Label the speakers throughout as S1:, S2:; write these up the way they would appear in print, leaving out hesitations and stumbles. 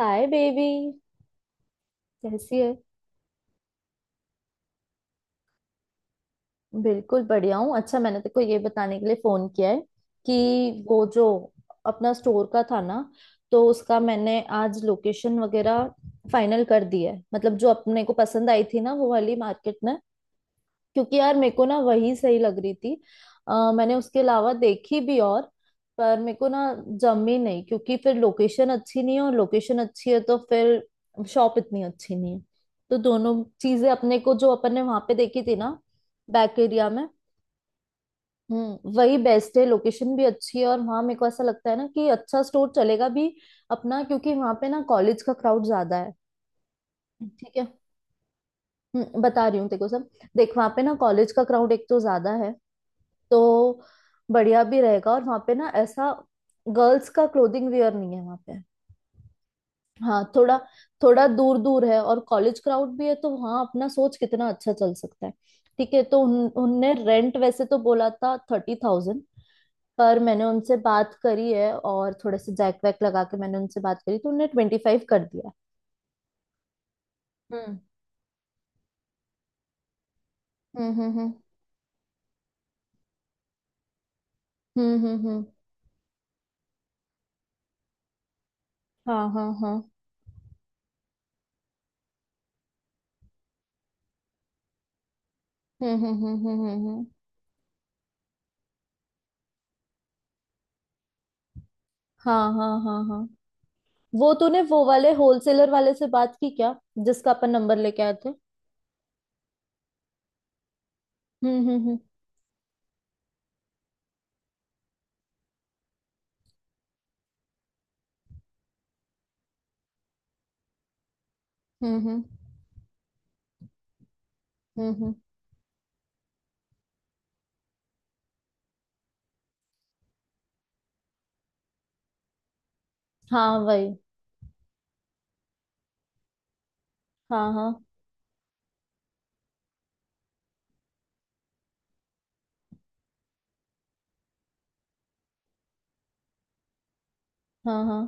S1: हाय baby. कैसी है? बिल्कुल बढ़िया हूँ। अच्छा, मैंने तेको ये बताने के लिए फोन किया है कि वो जो अपना स्टोर का था ना, तो उसका मैंने आज लोकेशन वगैरह फाइनल कर दिया है। मतलब जो अपने को पसंद आई थी ना, वो वाली मार्केट में। क्योंकि यार मेरे को ना वही सही लग रही थी। मैंने उसके अलावा देखी भी, और पर मेरे को ना जमी नहीं, क्योंकि फिर लोकेशन अच्छी नहीं है, और लोकेशन अच्छी है तो फिर शॉप इतनी अच्छी नहीं है। तो दोनों चीजें अपने को जो अपन ने वहां पे देखी थी ना, बैक एरिया में, वही बेस्ट है। लोकेशन भी अच्छी है, और वहां मेरे को ऐसा लगता है ना कि अच्छा स्टोर चलेगा भी अपना, क्योंकि वहां पे ना कॉलेज का क्राउड ज्यादा है। ठीक है। बता रही हूँ तेरे को सब। देख वहां पे ना कॉलेज का क्राउड एक तो ज्यादा है, तो बढ़िया भी रहेगा। और वहां पे ना ऐसा गर्ल्स का क्लोथिंग वेयर नहीं है वहां पे। हाँ, थोड़ा थोड़ा दूर दूर है और कॉलेज क्राउड भी है, तो वहाँ अपना सोच कितना अच्छा चल सकता है। ठीक है। तो उनने रेंट वैसे तो बोला था 30,000। पर मैंने उनसे बात करी है, और थोड़े से जैक वैक लगा के मैंने उनसे बात करी, तो उनने 25 कर दिया। हम्म हम्म हम्म हम्म हम्म हम्म हम्म, हाँ हाँ हाँ। हम्म हम्म हम्म हम्म हम्म हम्म। हाँ हाँ हाँ हाँ। वो तूने वो वाले होलसेलर वाले से बात की क्या, जिसका अपन नंबर लेके आए थे? हम्म हम्म हम्म हम्म हम्म हम्म, हम्म, हाँ वही। हाँ हाँ हाँ हाँ।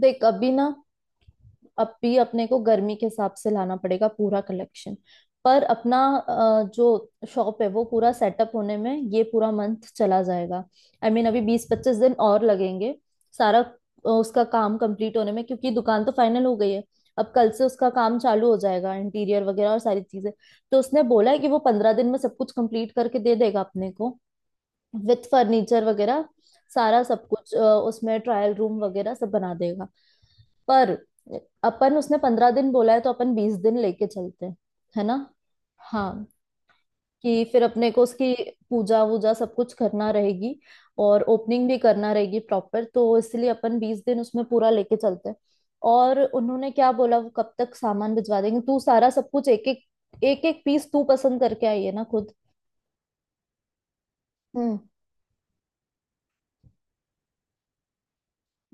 S1: देख अभी ना, अब भी अपने को गर्मी के हिसाब से लाना पड़ेगा पूरा कलेक्शन। पर अपना जो शॉप है वो पूरा सेटअप होने में ये पूरा मंथ चला जाएगा। आई मीन अभी 20-25 दिन और लगेंगे सारा उसका काम कंप्लीट होने में, क्योंकि दुकान तो फाइनल हो गई है। अब कल से उसका काम चालू हो जाएगा, इंटीरियर वगैरह और सारी चीजें। तो उसने बोला है कि वो 15 दिन में सब कुछ कंप्लीट करके दे देगा अपने को, विथ फर्नीचर वगैरह। सारा सब कुछ उसमें ट्रायल रूम वगैरह सब बना देगा। पर अपन, उसने 15 दिन बोला है तो अपन 20 दिन लेके चलते हैं, है ना। हाँ, कि फिर अपने को उसकी पूजा वूजा सब कुछ करना रहेगी, और ओपनिंग भी करना रहेगी प्रॉपर, तो इसलिए अपन 20 दिन उसमें पूरा लेके चलते हैं। और उन्होंने क्या बोला वो कब तक सामान भिजवा देंगे? तू सारा सब कुछ एक एक पीस तू पसंद करके आई है ना खुद। हम्म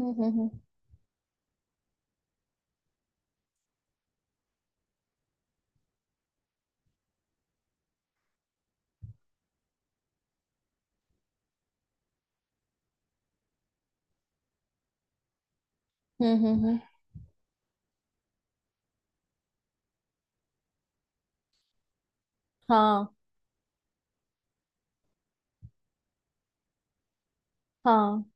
S1: हम्म हम्म हम्म हम्म हम्म, हम्म। हाँ हाँ।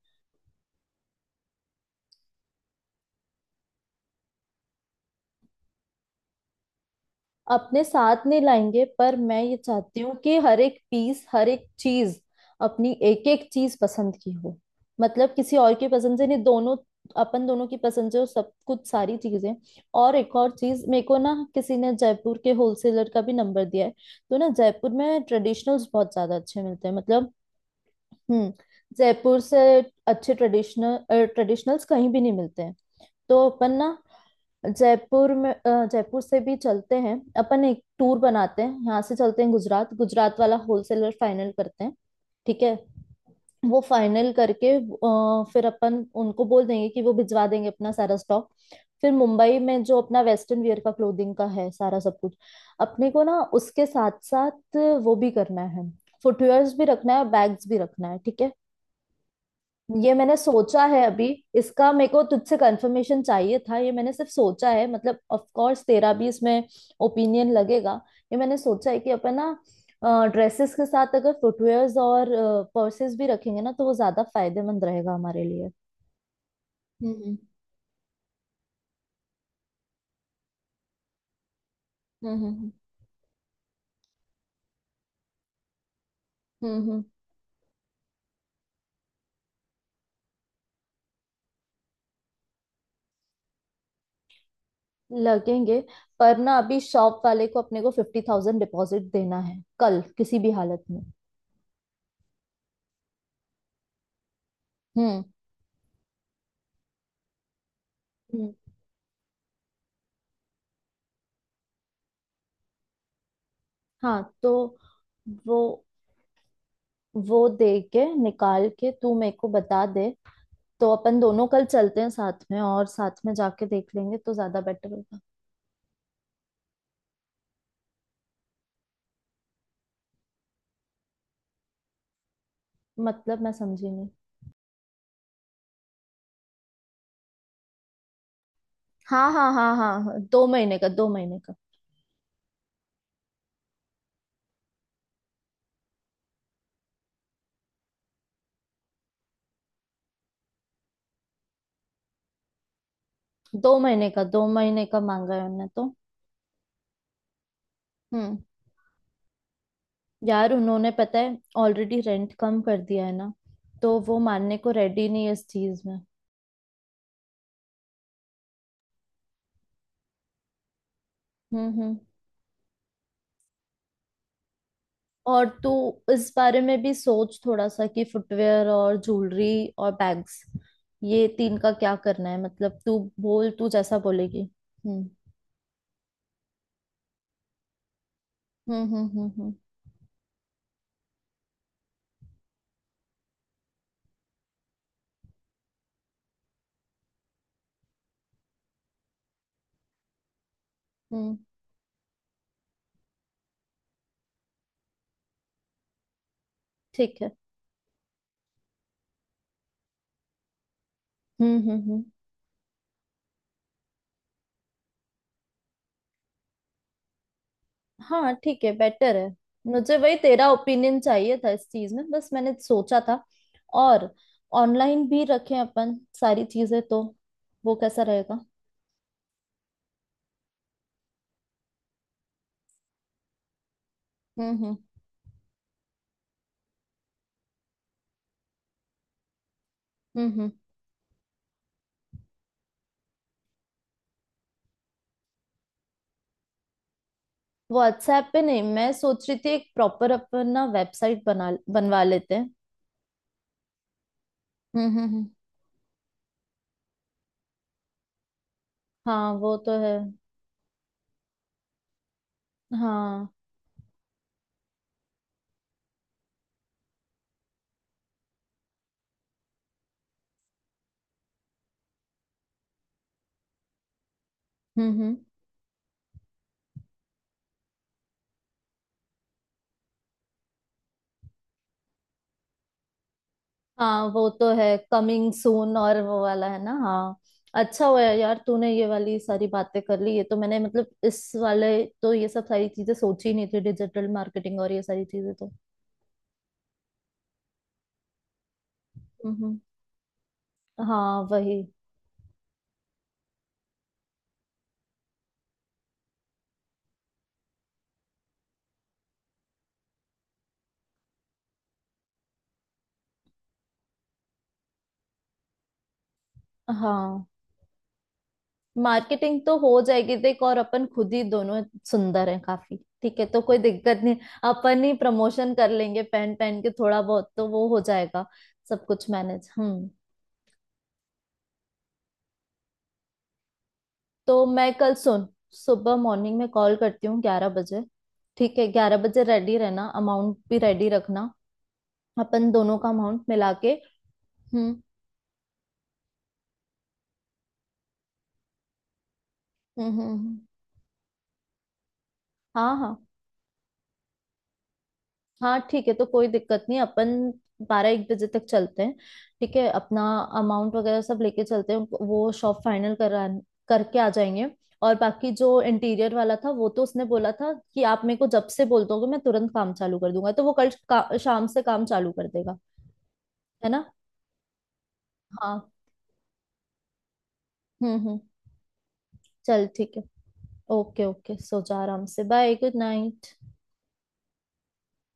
S1: अपने साथ नहीं लाएंगे, पर मैं ये चाहती हूँ कि हर एक पीस, हर एक चीज, अपनी एक एक चीज पसंद की हो। मतलब किसी और की पसंद से नहीं, दोनों अपन दोनों की पसंद से हो सब कुछ सारी चीजें। और एक और चीज, मेरे को ना किसी ने जयपुर के होलसेलर का भी नंबर दिया है। तो ना जयपुर में ट्रेडिशनल्स बहुत ज्यादा अच्छे मिलते हैं, मतलब। हम्म। जयपुर से अच्छे ट्रेडिशनल, ट्रेडिशनल्स कहीं भी नहीं मिलते हैं। तो अपन ना जयपुर में जयपुर से भी चलते हैं, अपन एक टूर बनाते हैं, यहाँ से चलते हैं, गुजरात, गुजरात वाला होलसेलर फाइनल करते हैं। ठीक है। वो फाइनल करके फिर अपन उनको बोल देंगे कि वो भिजवा देंगे अपना सारा स्टॉक। फिर मुंबई में जो अपना वेस्टर्न वियर का क्लोथिंग का है सारा सब कुछ, अपने को ना उसके साथ साथ वो भी करना है। फुटवेयर्स भी रखना है, और बैग्स भी रखना है। ठीक है, ये मैंने सोचा है अभी। इसका मेरे को तुझसे कंफर्मेशन चाहिए था, ये मैंने सिर्फ सोचा है, मतलब ऑफ कोर्स तेरा भी इसमें ओपिनियन लगेगा। ये मैंने सोचा है कि अपन ना ड्रेसेस के साथ अगर फुटवेयर्स और पर्सेस भी रखेंगे ना, तो वो ज्यादा फायदेमंद रहेगा हमारे लिए। हम्म हम्म हम्म हम्म हम्म लगेंगे। पर ना अभी शॉप वाले को अपने को 50,000 डिपॉजिट देना है कल किसी भी हालत में। हम्म हम्म। हाँ, तो वो वो दे के निकाल के तू मेरे को बता दे। तो अपन दोनों कल चलते हैं साथ में, और साथ में जाके देख लेंगे तो ज्यादा बेटर होगा। मतलब मैं समझी नहीं। हाँ हाँ हाँ हाँ हाँ, 2 महीने का, 2 महीने का, 2 महीने का, 2 महीने का मांगा है उन्होंने तो। हम्म। यार उन्होंने पता है ऑलरेडी रेंट कम कर दिया है ना, तो वो मानने को रेडी नहीं है इस चीज में। हम्म। और तू इस बारे में भी सोच थोड़ा सा, कि फुटवेयर और ज्वेलरी और बैग्स, ये तीन का क्या करना है। मतलब तू बोल, तू जैसा बोलेगी। हम्म हम्म हम्म हम्म हम्म हम्म, ठीक है। हम्म। हाँ ठीक है, बेटर है। मुझे वही तेरा ओपिनियन चाहिए था इस चीज में, बस मैंने सोचा था। और ऑनलाइन भी रखें अपन सारी चीजें, तो वो कैसा रहेगा? हम्म हम्म हम्म। व्हाट्सएप पे नहीं, मैं सोच रही थी एक प्रॉपर अपन ना वेबसाइट बना बनवा लेते हैं। हम्म, हाँ वो तो है। हाँ हम्म, हाँ वो तो है। कमिंग सून और वो वाला है ना, हाँ। अच्छा हुआ है यार तूने ये वाली सारी बातें कर ली, ये तो मैंने, मतलब इस वाले तो ये सब सारी चीजें सोची ही नहीं थी, डिजिटल मार्केटिंग और ये सारी चीजें तो। हम्म हम्म। हाँ वही। हाँ मार्केटिंग तो हो जाएगी देख, और अपन खुद ही दोनों सुंदर हैं काफी। ठीक है, तो कोई दिक्कत नहीं। अपन ही प्रमोशन कर लेंगे पहन पहन के, थोड़ा बहुत तो वो हो जाएगा। सब कुछ मैनेज, हम्म। तो मैं कल सुन सुबह मॉर्निंग में कॉल करती हूँ 11 बजे। ठीक है, 11 बजे रेडी रहना, अमाउंट भी रेडी रखना। अपन दोनों का अमाउंट मिला के। हम्म हम्म हम्म हम्म। हाँ हाँ। हाँ ठीक है, तो कोई दिक्कत नहीं, अपन 12-1 बजे तक चलते हैं। ठीक है, अपना अमाउंट वगैरह सब लेके चलते हैं उनको- वो शॉप फाइनल करा करके आ जाएंगे। और बाकी जो इंटीरियर वाला था वो तो उसने बोला था कि आप मेरे को जब से बोल दोगे मैं तुरंत काम चालू कर दूंगा, तो वो कल का, शाम से काम चालू कर देगा। है ना। हाँ। हम्म। चल ठीक है। ओके ओके, सो जा आराम से, बाय, गुड नाइट।